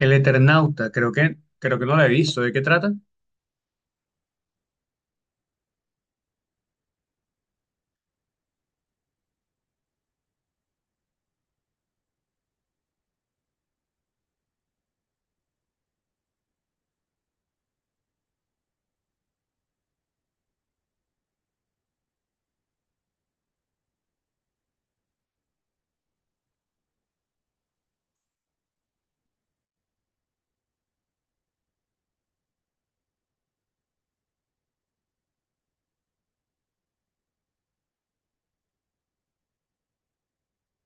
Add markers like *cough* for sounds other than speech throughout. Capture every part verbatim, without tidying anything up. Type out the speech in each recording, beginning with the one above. El Eternauta, creo que, creo que no la he visto. ¿De qué trata?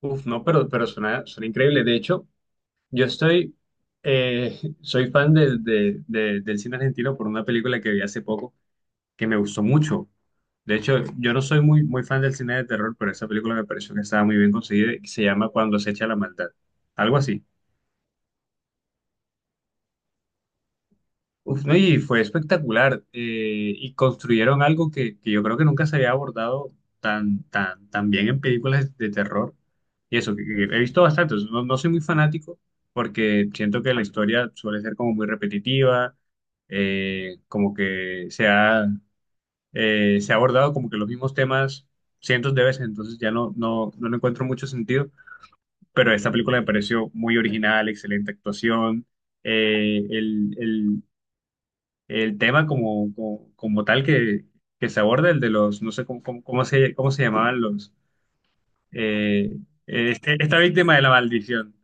Uf, no, pero, pero suena, suena increíble. De hecho, yo estoy, eh, soy fan del de- de- del cine argentino por una película que vi hace poco que me gustó mucho. De hecho, yo no soy muy, muy fan del cine de terror, pero esa película me pareció que estaba muy bien conseguida y se llama Cuando acecha la maldad. Algo así. Uf, no, y fue espectacular. Eh, y construyeron algo que, que yo creo que nunca se había abordado tan, tan, tan bien en películas de terror. Y eso, que, que he visto bastante. No, no soy muy fanático porque siento que la historia suele ser como muy repetitiva, eh, como que se ha, eh, se ha abordado como que los mismos temas cientos de veces, entonces ya no, no, no le encuentro mucho sentido. Pero esta película me pareció muy original, excelente actuación. eh, el, el- el tema como, como, como tal que, que se aborda, el de los, no sé cómo, cómo, cómo se, cómo se llamaban los, eh, este- esta víctima de la maldición.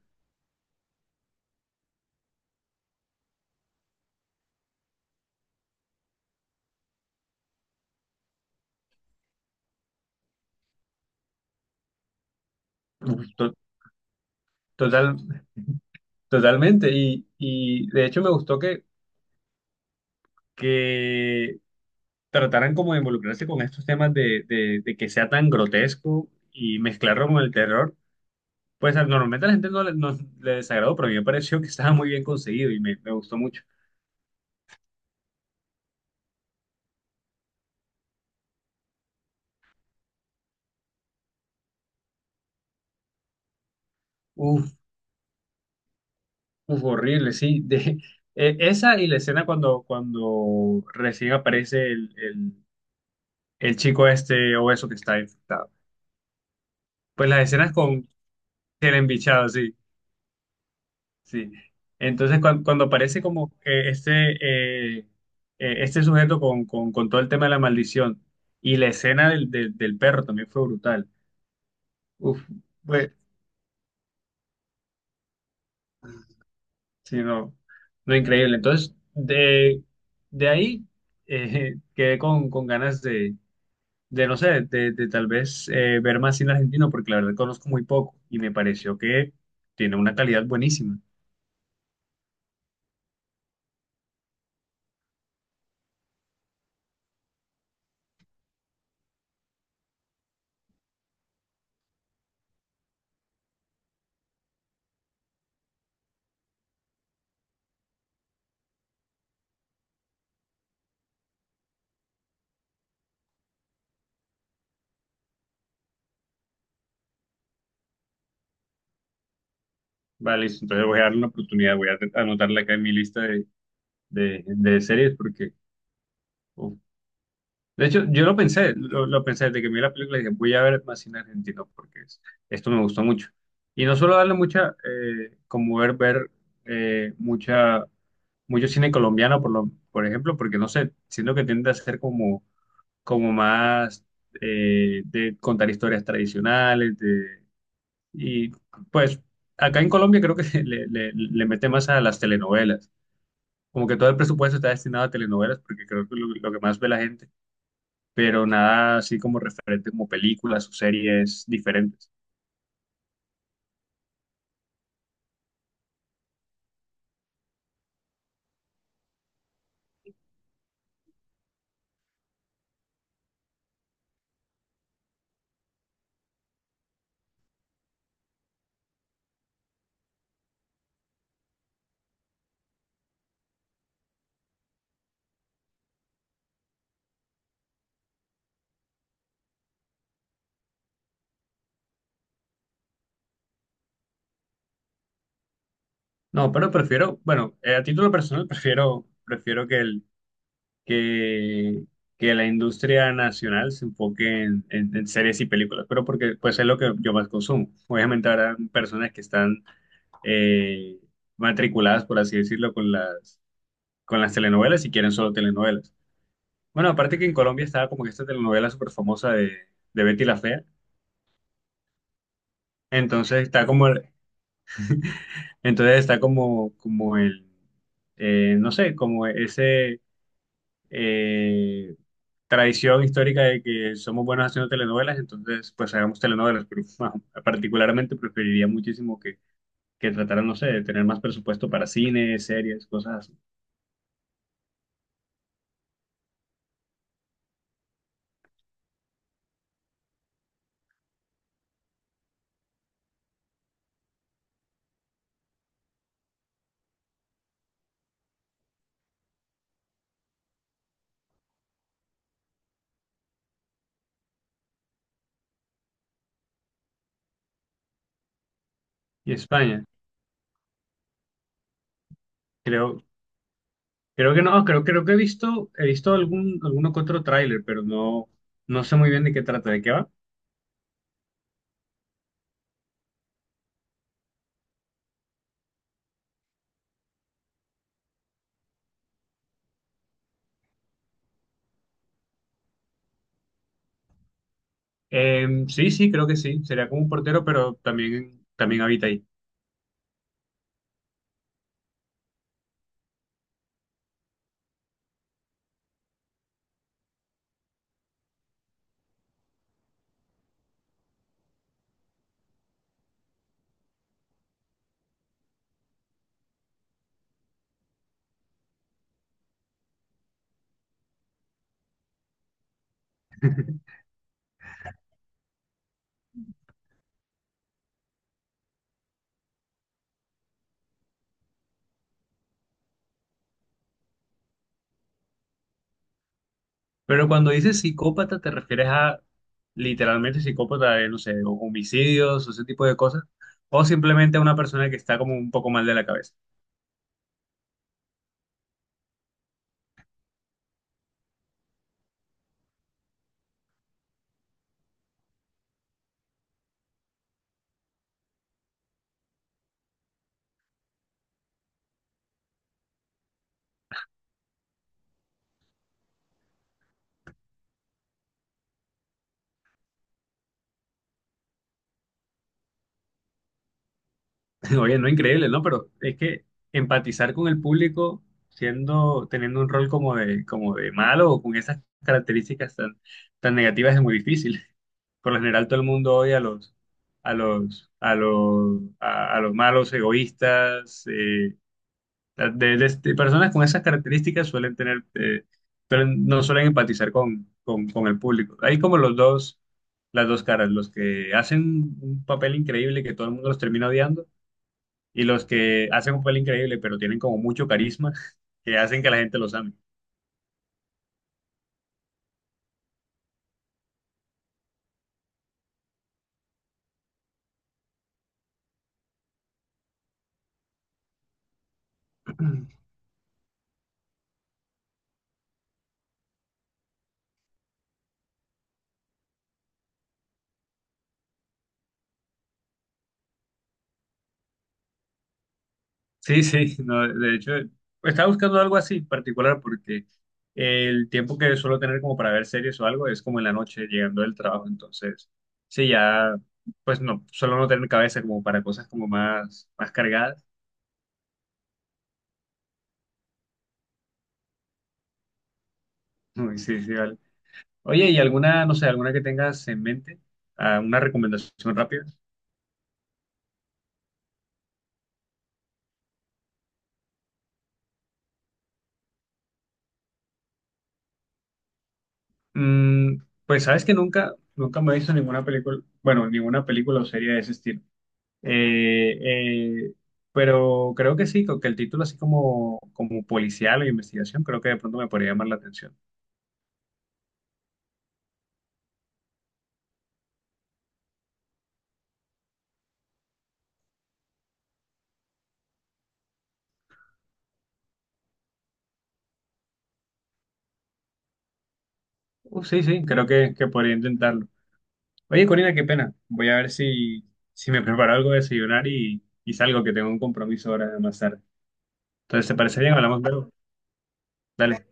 To- Total, totalmente. Y, y de hecho me gustó que, que trataran como de involucrarse con estos temas de, de, de que sea tan grotesco y mezclarlo con el terror. Pues normalmente a la gente no le, no le desagradó, pero a mí me pareció que estaba muy bien conseguido y me, me gustó mucho. Uf, Uf, horrible, sí. De, e- esa y la escena cuando, cuando recién aparece el, el, el chico este obeso que está infectado. Pues las escenas con el embichado, sí, sí. Entonces cuan- cuando, aparece como eh, este, eh, eh, este sujeto con, con, con todo el tema de la maldición y la escena del, del, del perro también fue brutal. Uf, fue, sí, no, no increíble. Entonces, de, de ahí eh, *laughs* quedé con, con ganas de de no sé, de, de tal vez eh, ver más cine argentino, porque la verdad conozco muy poco y me pareció que tiene una calidad buenísima. Vale, listo, entonces voy a darle una oportunidad, voy a te- anotarla acá en mi lista de, de, de series, porque... uf. De hecho, yo lo pensé, lo, lo pensé desde que vi la película, dije, voy a ver más cine argentino, porque es- esto me gustó mucho. Y no solo darle mucha, eh, como ver, ver eh, mucha, mucho cine colombiano, por, lo, por ejemplo, porque no sé, siento que tiende a ser como como más eh, de contar historias tradicionales, de, y pues acá en Colombia creo que *laughs* le, le, le mete más a las telenovelas, como que todo el presupuesto está destinado a telenovelas porque creo que lo, lo que más ve la gente, pero nada así como referente como películas o series diferentes. No, pero prefiero, bueno, eh, a título personal *laughs* prefiero, prefiero que el, que, que la industria nacional se enfoque en, en- en series y películas, pero porque pues es lo que yo más consumo. Obviamente habrá personas que están eh, matriculadas, por así decirlo, con las, con las telenovelas y quieren solo telenovelas. Bueno, aparte que en Colombia estaba como que esta telenovela súper famosa de, de Betty la Fea, entonces está como, el- entonces está como, como el, eh, no sé, como ese... eh, tradición histórica de que somos buenos haciendo telenovelas, entonces pues hagamos telenovelas, pero *laughs* bueno, particularmente preferiría muchísimo que, que trataran, no sé, de tener más presupuesto para cine, series, cosas así. Y España, creo, creo que no, creo, creo que he visto, he visto algún, alguno que otro tráiler, pero no, no sé muy bien de qué trata, de qué va. Eh, sí, sí, creo que sí, sería como un portero, pero también, también habita ahí. Pero cuando dices psicópata, ¿te refieres a literalmente psicópata de, no sé, o homicidios o ese tipo de cosas? ¿O simplemente a una persona que está como un poco mal de la cabeza? *laughs* Oye, no increíble, ¿no? Pero es que empatizar con el público siendo, teniendo un rol como de, como de malo o con esas características tan, tan negativas es muy difícil. *laughs* Por lo general todo el mundo odia a los, a los, a los, a, a los malos, egoístas, eh, sea, de- de- de personas con esas características suelen tener, eh, suelen- no suelen empatizar con, con, con el público. Hay como los dos, las dos caras, los que hacen un papel increíble que todo el mundo los termina odiando y los que hacen un papel increíble pero tienen como mucho carisma *laughs* que hacen que la gente los ame. Sí, sí, no, de hecho, estaba buscando algo así en particular porque el tiempo que suelo tener como para ver series o algo es como en la noche llegando del trabajo, entonces, sí, ya, pues no, suelo no tener cabeza como para cosas como más, más cargadas. *laughs* Uy, sí, sí, vale. Oye, ¿y alguna, no sé, alguna que tengas en mente? Ah, una recomendación rápida. Mm, pues sabes que nunca, nunca me he visto ninguna película, bueno, ninguna película o serie de ese estilo. Eh, eh, pero creo que sí, que el título así como, como policial o investigación, creo que de pronto me podría llamar la atención. Uh, sí, sí, creo que, que podría intentarlo. Oye, Corina, qué pena. Voy a ver si, si me preparo algo de desayunar y, y salgo, que tengo un compromiso ahora más tarde. Entonces, ¿te parece bien? Hablamos luego. Dale,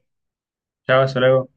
chao, hasta luego.